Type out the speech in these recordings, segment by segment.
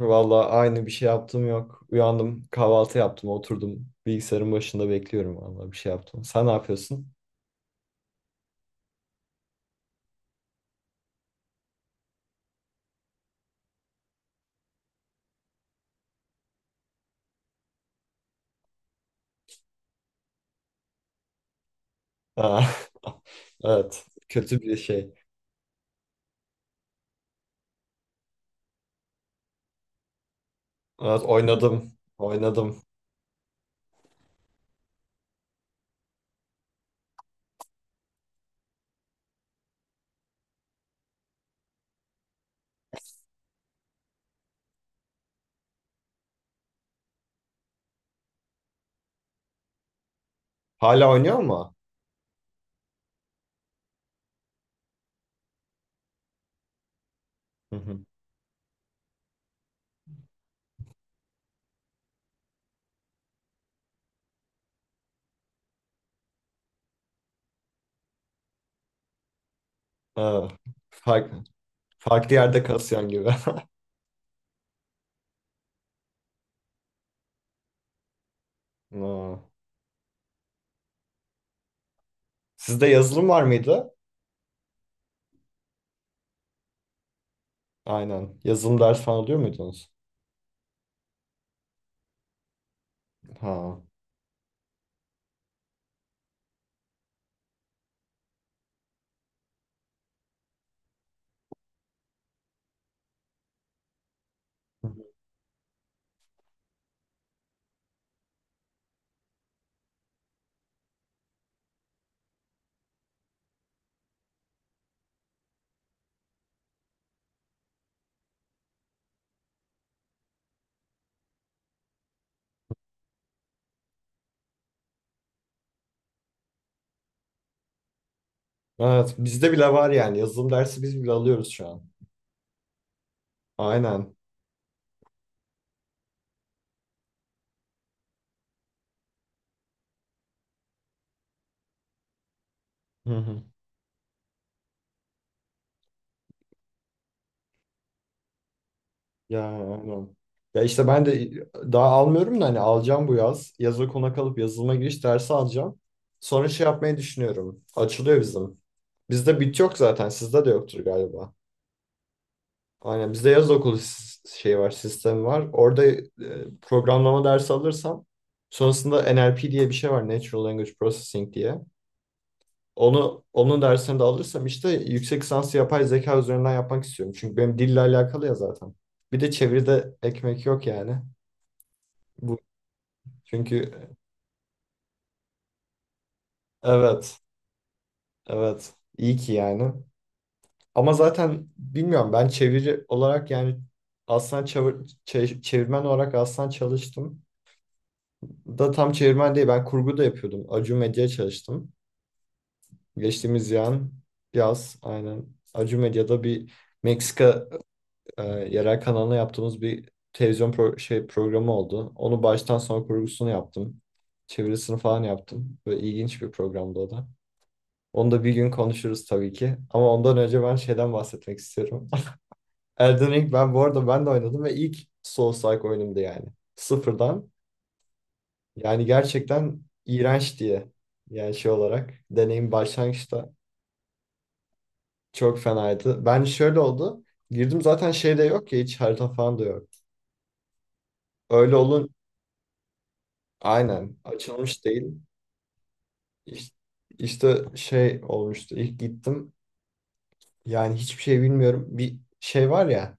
Vallahi aynı bir şey yaptım yok. Uyandım, kahvaltı yaptım, oturdum. Bilgisayarın başında bekliyorum vallahi bir şey yaptım. Sen ne yapıyorsun? Aa. Evet, kötü bir şey. Evet, oynadım, oynadım. Hala oynuyor mu? Hı hı. Aa, fark- farklı yerde kasıyorsun gibi. Aa. Sizde yazılım var mıydı? Aynen. Yazılım dersi falan alıyor muydunuz? Ha. Evet, bizde bile var yani. Yazılım dersi biz bile alıyoruz şu an. Aynen. Ya aynen. Ya işte ben de daha almıyorum da hani alacağım bu yaz. Yaza kona kalıp yazılıma giriş dersi alacağım. Sonra şey yapmayı düşünüyorum. Açılıyor bizim. Bizde bit yok zaten. Sizde de yoktur galiba. Aynen bizde yaz okulu şey var, sistemi var. Orada programlama dersi alırsam sonrasında NLP diye bir şey var. Natural Language Processing diye. Onu onun dersini de alırsam işte yüksek lisansı yapay zeka üzerinden yapmak istiyorum. Çünkü benim dille alakalı ya zaten. Bir de çeviride ekmek yok yani. Çünkü evet, evet. iyi ki yani. Ama zaten bilmiyorum ben çeviri olarak yani çevirmen olarak aslan çalıştım. Da tam çevirmen değil ben kurgu da yapıyordum. Acu Medya'ya çalıştım. Geçtiğimiz yaz aynen Acu Medya'da bir Meksika yerel kanalına yaptığımız bir televizyon şey programı oldu. Onu baştan sona kurgusunu yaptım. Çevirisini falan yaptım. Böyle ilginç bir programdı o da. Onu da bir gün konuşuruz tabii ki. Ama ondan önce ben şeyden bahsetmek istiyorum. Elden Ring ben bu arada ben de oynadım ve ilk Souls-like oyunumdu yani. Sıfırdan. Yani gerçekten iğrenç diye. Yani şey olarak. Deneyim başlangıçta çok fenaydı. Ben şöyle oldu. Girdim zaten şey de yok ya hiç harita falan da yok. Öyle olun aynen açılmış değil. İş- İşte, şey olmuştu. İlk gittim. Yani hiçbir şey bilmiyorum. Bir şey var ya.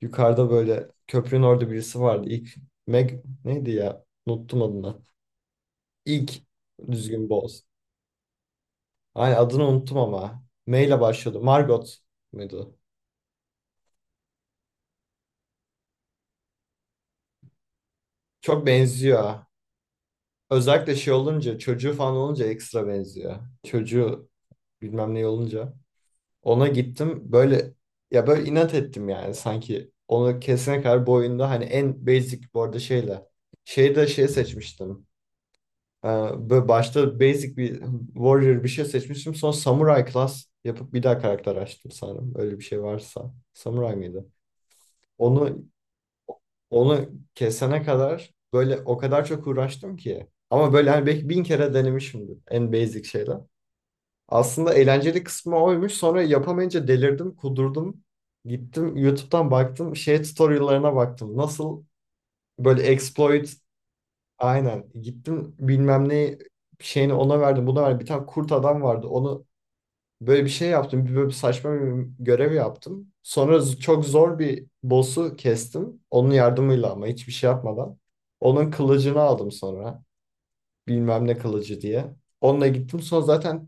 Yukarıda böyle köprünün orada birisi vardı. İlk Meg neydi ya? Unuttum adını. İlk düzgün boz. Aynen adını unuttum ama. M ile başlıyordu. Margot muydu? Çok benziyor. Ha. Özellikle şey olunca çocuğu falan olunca ekstra benziyor. Çocuğu bilmem ne olunca. Ona gittim böyle ya böyle inat ettim yani sanki. Onu kesene kadar bu oyunda hani en basic bu arada şeyle. Şeyde şey seçmiştim. Ee, Böyle başta basic bir warrior bir şey seçmiştim. Sonra samurai class yapıp bir daha karakter açtım sanırım. Öyle bir şey varsa. Samurai mıydı? Onu onu kesene kadar böyle o kadar çok uğraştım ki. Ama böyle hani belki 1.000 kere denemişimdir en basic şeyler. Aslında eğlenceli kısmı oymuş. Sonra yapamayınca delirdim, kudurdum. Gittim YouTube'dan baktım. Şey tutorial'larına baktım. Nasıl böyle exploit. Aynen. Gittim bilmem ne şeyini ona verdim buna verdim. Bir tane kurt adam vardı. Onu böyle bir şey yaptım. Bir böyle bir saçma bir görev yaptım. Sonra çok zor bir boss'u kestim. Onun yardımıyla ama hiçbir şey yapmadan. Onun kılıcını aldım sonra. Bilmem ne kılıcı diye. Onunla gittim. Sonra zaten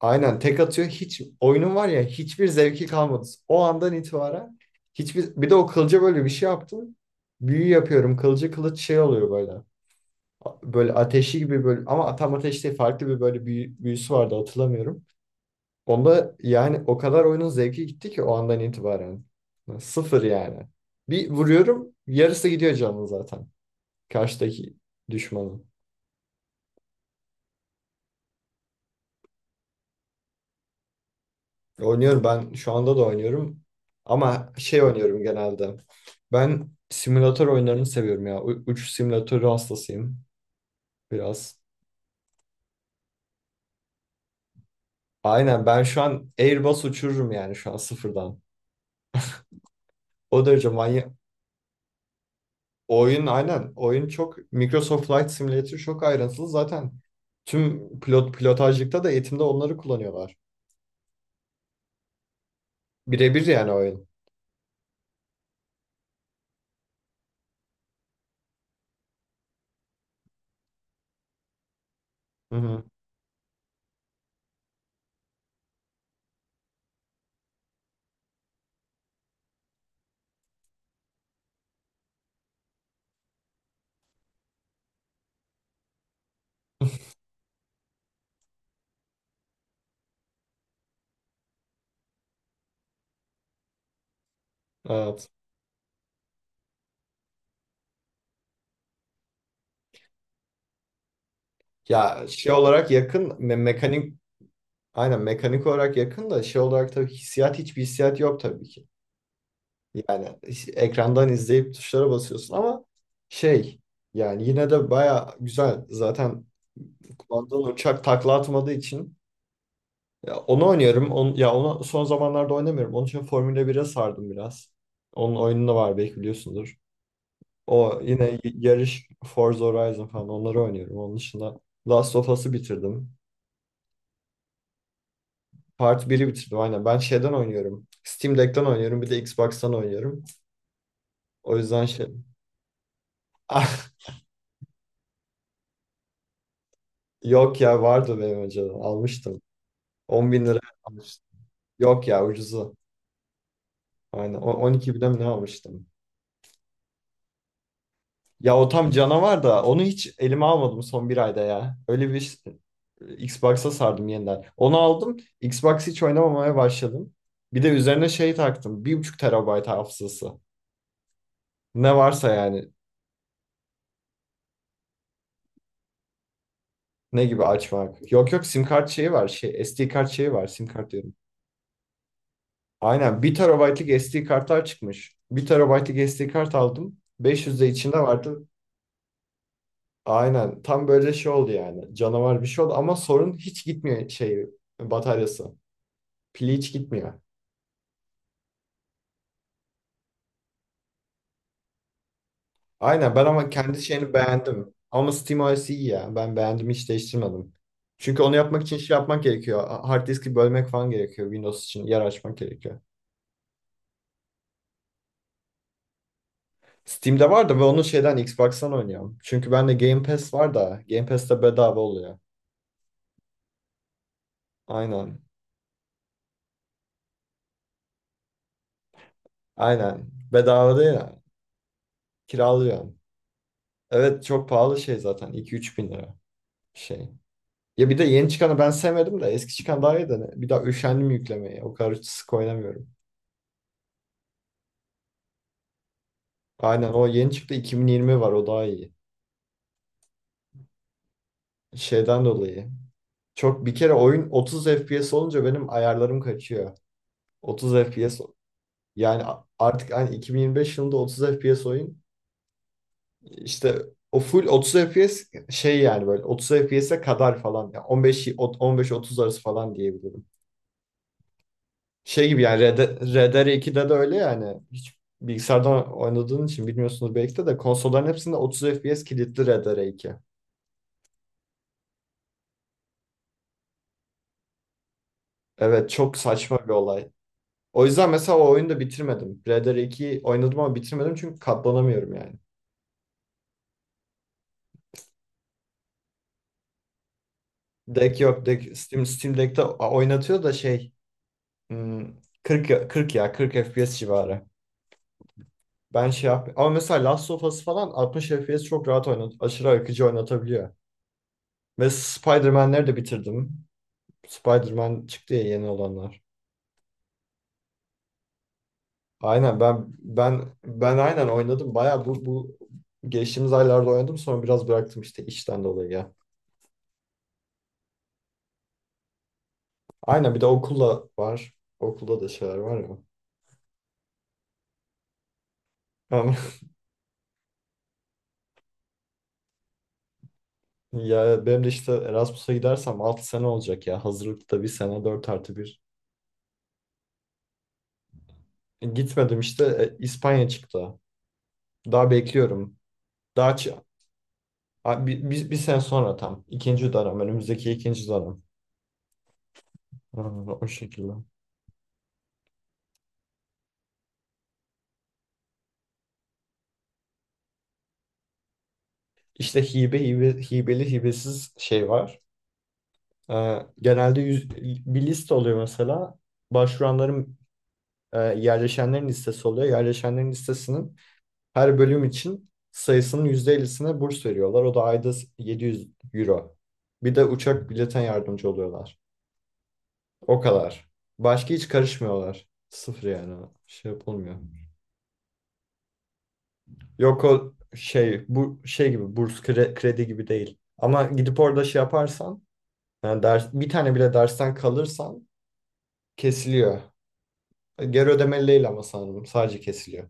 aynen tek atıyor. Hiç oyunun var ya hiçbir zevki kalmadı. O andan itibaren hiçbir bir de o kılıca böyle bir şey yaptım. Büyü yapıyorum. Kılıcı kılıç şey oluyor böyle ateşi gibi böyle ama tam ateş değil farklı bir böyle büyüsü vardı hatırlamıyorum. Onda yani o kadar oyunun zevki gitti ki o andan itibaren. Sıfır yani. Bir vuruyorum yarısı gidiyor canım zaten. Karşıdaki düşmanın. Oynuyorum ben şu anda da oynuyorum. Ama şey oynuyorum genelde. Ben simülatör oyunlarını seviyorum ya. Uçuş simülatörü hastasıyım biraz. Aynen ben şu an Airbus uçururum yani şu an sıfırdan. O derece manyak. Oyun aynen. Oyun çok Microsoft Flight Simulator çok ayrıntılı. Zaten tüm pilot pilotajlıkta da eğitimde onları kullanıyorlar. Birebir yani oyun. Hı hı. Evet. Ya şey olarak yakın mekanik aynen mekanik olarak yakın da şey olarak tabii hissiyat hiçbir hissiyat yok tabii ki. Yani ekrandan izleyip tuşlara basıyorsun ama şey yani yine de baya güzel. Zaten kullandığın uçak takla atmadığı için. Ya onu oynuyorum. Ya onu son zamanlarda oynamıyorum. Onun için Formula 1'e sardım biraz. Onun oyunu da var belki biliyorsundur. O yine yarış Forza Horizon falan onları oynuyorum. Onun dışında Last of Us'ı bitirdim. Part biri bitirdim aynen. Ben şeyden oynuyorum. Steam Deck'ten oynuyorum. Bir de Xbox'tan oynuyorum. O yüzden şey... Ah, yok ya vardı benim önceden. Almıştım. 10.000 lira almıştım. Yok ya ucuzu. Aynen. 12.000'e mi ne almıştım? Ya o tam canavar da onu hiç elime almadım son bir ayda ya. Öyle Xbox'a sardım yeniden. Onu aldım. Xbox hiç oynamamaya başladım. Bir de üzerine şey taktım. 1,5 terabayt hafızası. Ne varsa yani. Ne gibi açmak. Yok yok sim kart şeyi var. Şey, SD kart şeyi var. Sim kart diyorum. Aynen bir terabaytlık SD kartlar çıkmış. Bir terabaytlık SD kart aldım. 500 de içinde vardı. Aynen tam böyle şey oldu yani. Canavar bir şey oldu ama sorun hiç gitmiyor şey bataryası. Pili hiç gitmiyor. Aynen ben ama kendi şeyini beğendim. Ama SteamOS iyi ya. Ben beğendim hiç değiştirmedim. Çünkü onu yapmak için şey yapmak gerekiyor. Hard diski bölmek falan gerekiyor. Windows için yer açmak gerekiyor. Steam'de var da ve onu şeyden Xbox'tan oynuyorum. Çünkü bende Game Pass var da Game Pass'te bedava oluyor. Aynen. Aynen. Bedava değil yani. Kiralıyorum. Evet çok pahalı şey zaten. 2 üç bin lira şey. Ya bir de yeni çıkanı ben sevmedim de eski çıkan daha iyi de bir daha üşendim yüklemeye. O kadar sık oynamıyorum. Aynen o yeni çıktı 2020 var o daha iyi. Şeyden dolayı. Çok bir kere oyun 30 FPS olunca benim ayarlarım kaçıyor. 30 FPS yani artık hani 2025 yılında 30 FPS oyun işte o full 30 FPS şey yani böyle 30 FPS'e kadar falan yani 15 15-30 arası falan diyebilirim. Şey gibi yani Red Dead 2'de de öyle yani hiç bilgisayardan oynadığın için bilmiyorsunuz belki de konsolların hepsinde 30 FPS kilitli Red Dead 2. Evet çok saçma bir olay. O yüzden mesela o oyunu da bitirmedim. Red Dead 2'yi oynadım ama bitirmedim çünkü katlanamıyorum yani. Deck yok. Deck, Steam Deck'te oynatıyor da şey hmm, 40, 40 ya 40 FPS civarı. Ben şey yap ama mesela Last of Us falan 60 FPS çok rahat aşırı akıcı oynatabiliyor. Ve Spider-Man'leri de bitirdim. Spider-Man çıktı ya yeni olanlar. Aynen ben aynen oynadım. Bayağı bu geçtiğimiz aylarda oynadım sonra biraz bıraktım işte işten dolayı ya. Aynen bir de okulla var. Okulda da şeyler var ya. Ama ya benim de işte Erasmus'a gidersem 6 sene olacak ya. Hazırlıkta bir sene 4 artı bir. Gitmedim işte İspanya çıktı. Daha bekliyorum. Daha bir sene sonra tam. İkinci dönem. Önümüzdeki ikinci dönem. Aa, o şekilde. İşte hibe hibeli hibesiz şey var. Genelde bir liste oluyor mesela. Başvuranların yerleşenlerin listesi oluyor. Yerleşenlerin listesinin her bölüm için sayısının %50'sine burs veriyorlar. O da ayda 700 euro. Bir de uçak biletten yardımcı oluyorlar. O kadar. Başka hiç karışmıyorlar. Sıfır yani. Şey yapılmıyor. Yok o şey bu şey gibi burs kredi gibi değil. Ama gidip orada şey yaparsan yani bir tane bile dersten kalırsan kesiliyor. Geri ödemeli değil ama sanırım. Sadece kesiliyor.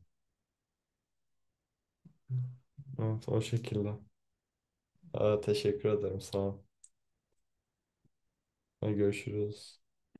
Evet o şekilde. Aa, teşekkür ederim. Sağ ol. Hadi görüşürüz.